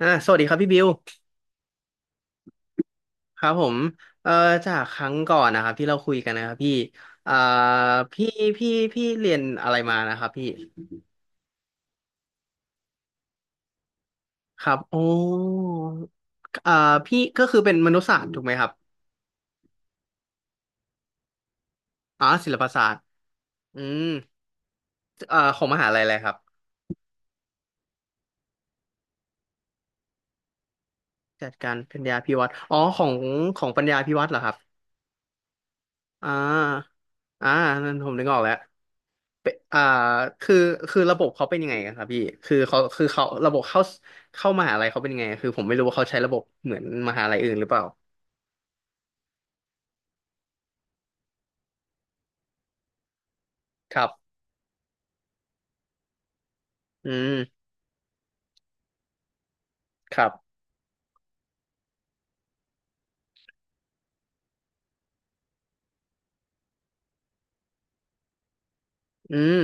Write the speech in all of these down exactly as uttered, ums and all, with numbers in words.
อ่าสวัสดีครับพี่บิวครับผมเอ่อจากครั้งก่อนนะครับที่เราคุยกันนะครับพี่อ่าพี่พี่พี่เรียนอะไรมานะครับพี่ครับโอ้อ่าพี่ก็คือเป็นมนุษยศาสตร์ถูกไหมครับอ๋อศิลปศาสตร์อืมเอ่อของมหาลัยอะไรครับจัดการปัญญาภิวัฒน์อ๋อของของปัญญาภิวัฒน์เหรอครับอ่าอ่านั่นผมนึกออกแล้ว เป็นอ่าคือคือระบบเขาเป็นยังไงกันครับพี่คือเขาคือเขาระบบเข้าเข้ามหาลัยเขาเป็นยังไงคือผมไม่รู้ว่าเขาใช้ระบบเหมือนมหาลัยอื่นหรือเปล่าครับอืมครับอืม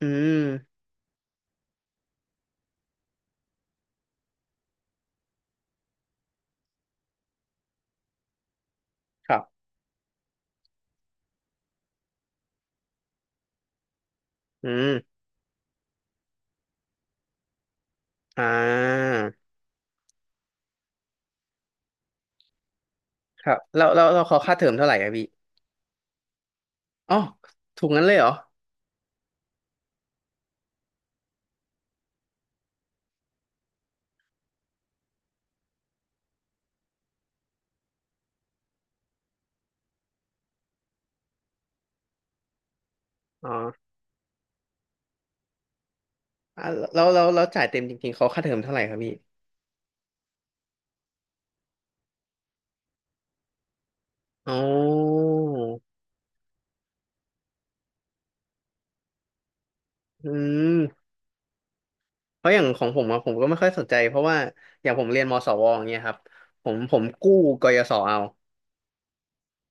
อืมครับอืมอ่าครับแล้วแล้วเราเขาค่าเทอมเท่าไหร่อะพี่อ๋อถูกงั้นเลยเหรออ๋ออ่าแล้วแล้วแล้วจ่ายเต็มจริงๆเขาค่าเทอมเท่าไหร่ครับพี่อ๋ออืม เพราะอย่างของผมอะผมก็ไม่ค่อยสนใจเพราะว่าอย่างผมเรียนมสวอย่างเงี้ยครับผมผมกู้กยศเอา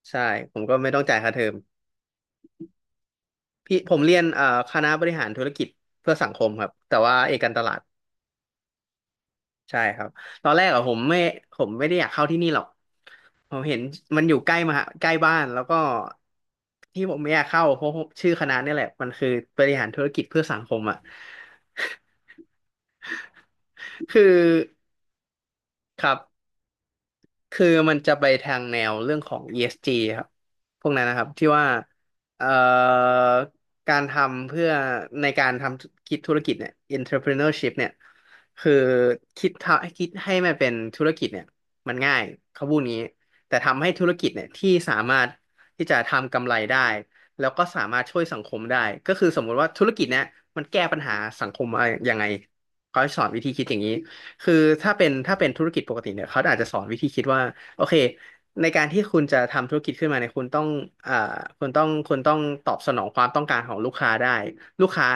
ใช่ผมก็ไม่ต้องจ่ายค่าเทอมพี่ผมเรียนเอ่อคณะบริหารธุรกิจเพื่อสังคมครับแต่ว่าเอกการตลาดใช่ครับตอนแรกอะผมไม่ผมไม่ได้อยากเข้าที่นี่หรอกผมเห็นมันอยู่ใกล้มหาใกล้บ้านแล้วก็ที่ผมไม่อยากเข้าเพราะชื่อคณะเนี่ยแหละมันคือบริหารธุรกิจเพื่อสังคมอะคือครับ คือมันจะไปทางแนวเรื่องของ อี เอส จี ครับพวกนั้นนะครับที่ว่าเอ่อการทำเพื่อในการทำคิดธุรกิจเนี่ย entrepreneurship เนี่ยคือคิดทำคิดให้มันเป็นธุรกิจเนี่ยมันง่ายเขาพูดงี้แต่ทำให้ธุรกิจเนี่ยที่สามารถที่จะทำกำไรได้แล้วก็สามารถช่วยสังคมได้ก็คือสมมุติว่าธุรกิจเนี่ยมันแก้ปัญหาสังคมอะไรยังไงเขาให้สอนวิธีคิดอย่างนี้ คือถ้าเป็นถ้าเป็นธุรกิจปกติเนี่ยเขาอาจจะสอนวิธีคิดว่าโอเคในการที่คุณจะทำธุรกิจขึ้นมาเนี่ยคุณต้องอ่าคุณต้องคุณต้องตอบสนองความต้องการของลูกค้าได้ลูกค้า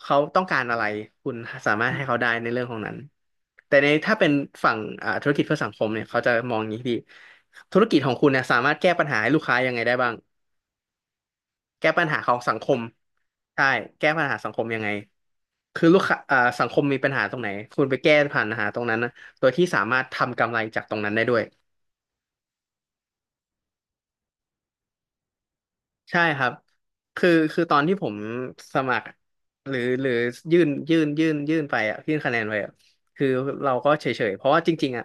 เขาต้องการอะไรคุณสามารถให้เขาได้ในเรื่องของนั้นแต่ในถ้าเป็นฝั่งอ่าธุรกิจเพื่อสังคมเนี่ยเขาจะมองอย่างนี้ดีธุรกิจของคุณเนี่ยสามารถแก้ปัญหาให้ลูกค้ายังไงได้บ้างแก้ปัญหาของสังคมใช่แก้ปัญหาสังคมยังไง คือลูกค้าอ่าสังคมมีปัญหาตรงไหนคุณไปแก้ผ่านปัญหาตรงนั้นนะโดยที่สามารถทำกำไรจากตรงนั้นได้ด้วยใช่ครับคือคือตอนที่ผมสมัครหรือหรือยื่นยื่นยื่นยื่นไปอ่ะยื่นคะแนนไปอ่ะคือเราก็เฉยๆเพราะว่าจริงๆอ่ะ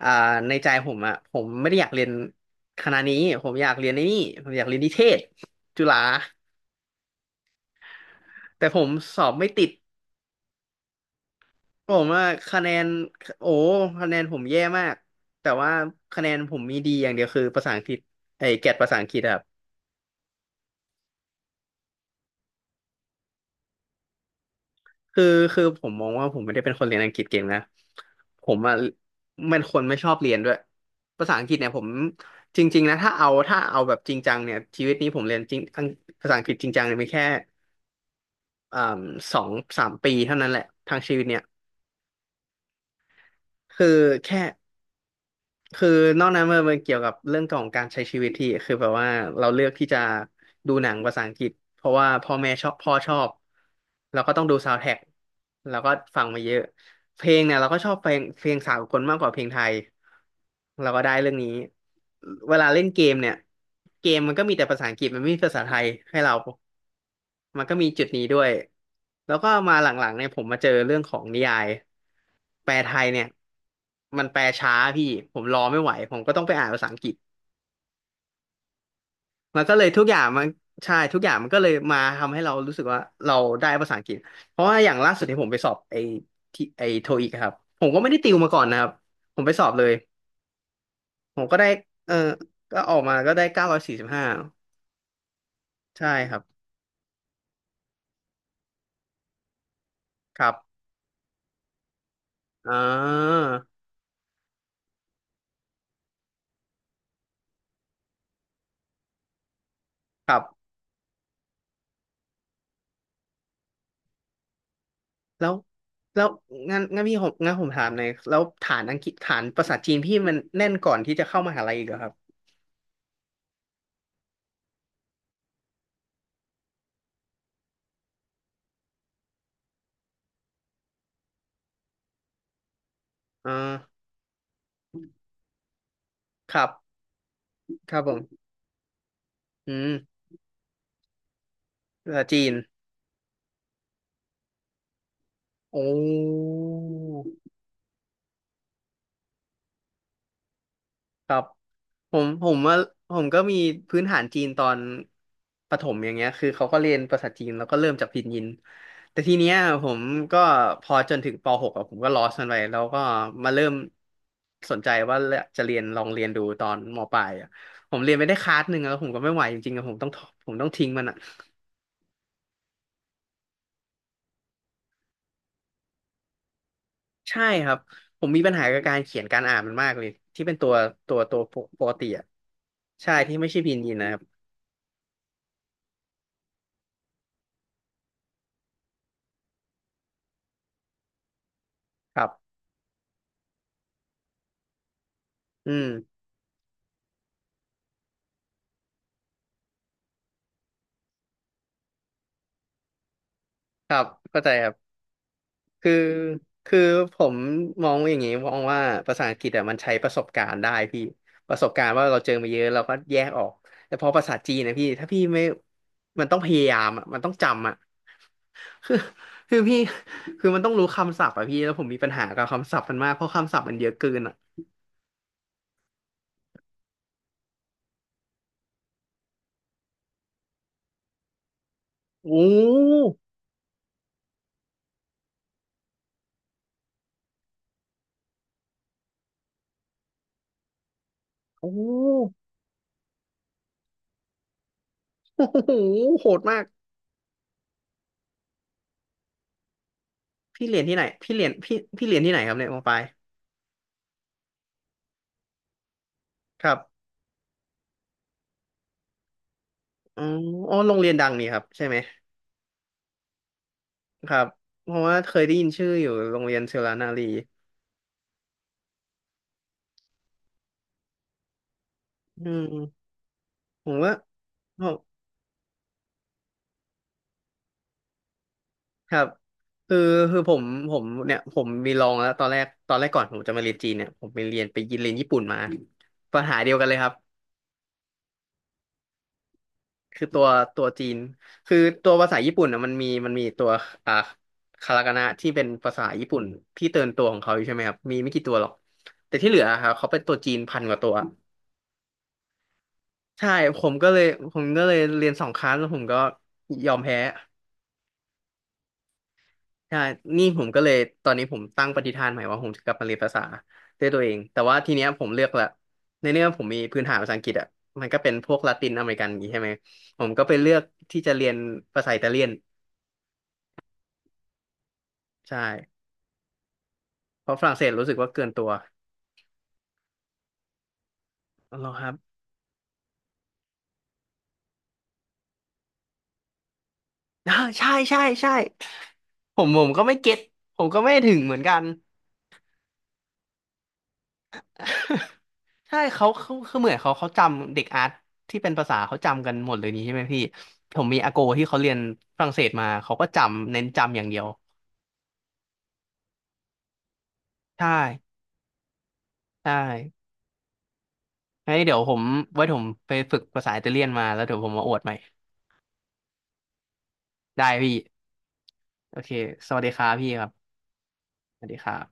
อ่าในใจผมอ่ะผมไม่ได้อยากเรียนคณะนี้ผมอยากเรียนไนนี่ผมอยากเรียนนิเทศจุฬาแต่ผมสอบไม่ติด ผมว่าคะแนนโอ้คะแนนผมแย่มากแต่ว่าคะแนนผมมีดีอย่างเดียวคือภาษาอังกฤษไอ้แกรดภาษาอังกฤษอะครับคือคือผมมองว่าผมไม่ได้เป็นคนเรียนอังกฤษเก่งนะผมอะเป็นคนไม่ชอบเรียนด้วยภาษาอังกฤษเนี่ยผมจริงๆนะถ้าเอาถ้าเอาแบบจริงจังเนี่ยชีวิตนี้ผมเรียนจริงอังภาษาอังกฤษจริงจังเนี่ยมีแค่อ่าสองสามปีเท่านั้นแหละทางชีวิตเนี่ยคือแค่ คือนอกนั้นมันเกี่ยวกับเรื่องของการใช้ชีวิตที่คือแบบว่าเราเลือกที่จะดูหนังภาษาอังกฤษเพราะว่าพ่อแม่ชอบพ่อชอบเราก็ต้องดูซาว n d t ท a c k เราก็ฟังมาเยอะเพลงเนี่ยเราก็ชอบเพลงเพลงสากลมากกว่าเพลงไทยเราก็ได้เรื่องนี้เวลาเล่นเกมเนี่ยเกมมันก็มีแต่ภาษาอังกฤษมันไม่มีภาษาไทยให้เรา มันก็มีจุดนี้ด้วย แล้วก็มาหลังๆเนี่ยผมมาเจอเรื่องของนิยายแปลไทยเนี่ยมันแปลช้าพี่ผมรอไม่ไหวผมก็ต้องไปอ่านภาษาอังกฤษมันก็เลยทุกอย่างมันใช่ทุกอย่างมันก็เลยมาทำให้เรารู้สึกว่าเราได้ภาษาอังกฤษเพราะว่าอย่างล่าสุดที่ผมไปสอบไอที่ไอโทอีกครับผมก็ไม่ได้ติวมาก่อนนะครับผมไปสอบเลยผมก็ได้เออก็ออกมาก็ได้เก้าร้อยสี่สิบห้าใช่ครับครับอ่าครับ แล้วแล้วงั้นงั้นพี่ผมงั้นผมถามหน่อยแล้วฐานอังกฤษฐานภาษาจีนพี่มันแน่นก่อนที่จะเข้ามหาลัยอีกเหรอครับอ่าครับครับผมอืมภาษาจีนโอ้ ครับผมผมว่าผมก็มีพื้นฐานจีนตอนประถมอย่างเงี้ยคือเขาก็เรียนภาษาจีนแล้วก็เริ่มจากพินยินแต่ทีเนี้ยผมก็พอจนถึงปหกอะผมก็ลอสมันไปแล้วก็มาเริ่มสนใจว่าจะเรียนลองเรียนดูตอนมปลายอะผมเรียนไปได้คลาสหนึ่งแล้วผมก็ไม่ไหวจริงๆอะผมต้องผมต้องทิ้งมันอะใช่ครับผมมีปัญหากับการเขียนการอ่านมันมากเลยที่เป็นตัวตัวตัวปกติอะใช่ที่ไม่ใช่พินยินนะครับครับอืมครับเข้าใจครับ คือคือผมมองอย่างนี้มองว่าภาษาอังกฤษอะมันใช้ประสบการณ์ได้พี่ประสบการณ์ว่าเราเจอมาเยอะเราก็แยกออกแต่พอภาษาจีนนะพี่ถ้าพี่ไม่มันต้องพยายามอะมันต้องจำอะ คือคือพี่คือมันต้องรู้คำศัพท์อะพี่แล้วผมมีปัญหากับคำศัพท์มันมากเพราะคำศัพท์มันเยอะเกินอะโอ้โอ้โอ้โหโหดมากพี่เรียนที่ไหนพี่เรียนพี่พี่เรียนที่ไหนครับเนี่ยมอปลายครับอ๋ออ๋อโรงเรียนดังนี่ครับใช่ไหม ครับเพราะว่าเคยได้ยินชื่ออยู่โรงเรียนเชลานารีอืมผมว่าผมครับคือคือผมผมเนี่ยผมมีลองแล้วตอนแรกตอนแรกก่อนผมจะมาเรียนจีนเนี่ยผมไปเรียนไปยินเรียนญี่ปุ่นมาปัญหาเดียวกันเลยครับคือตัวตัวจีนคือตัวภาษาญี่ปุ่นอ่ะมันมีมันมีตัวอ่าคาตาคานะที่เป็นภาษาญี่ปุ่นที่เติมนตัวของเขาอยู่ใช่ไหมครับมีไม่กี่ตัวหรอกแต่ที่เหลืออะครับเขาเป็นตัวจีนพันกว่าตัวใช่ผมก็เลยผมก็เลยเรียนสองครั้งแล้วผมก็ยอมแพ้ ใช่นี่ผมก็เลยตอนนี้ผมตั้งปณิธานใหม่ว่าผมจะกลับมาเรียนภาษาด้วยตัวเองแต่ว่าทีเนี้ยผมเลือกละในเรื่องผมมีพื้นฐานภาษาอังกฤษอ่ะมันก็เป็นพวกลาตินอเมริกันอย่างงี้ใช่ไหมผมก็ไปเลือกที่จะเรียนภาษาอิตาเลียนใช่เพราะฝรั่งเศสรู้สึกว่าเกินตัวอ๋อเหรอครับอ่าใช่ใช่ใช่ผมผมก็ไม่เก็ตผมก็ไม่ถึงเหมือนกัน ใช่เขาเขาคือเหมือนเขาเขาจำเด็กอาร์ตที่เป็นภาษาเขาจำกันหมดเลยนี่ใช่ไหมพี่ผมมีอาโกที่เขาเรียนฝรั่งเศสมาเขาก็จำเน้นจำอย่างเดียว ใช่ใช่งั้นเดี๋ยวผมไว้ผมไปฝึกภาษาอิตาเลียนมาแล้วเดี๋ยวผมมาอวดใหม่ได้พี่โอเคสวัสดีครับพี่ครับ สวัสดีครับ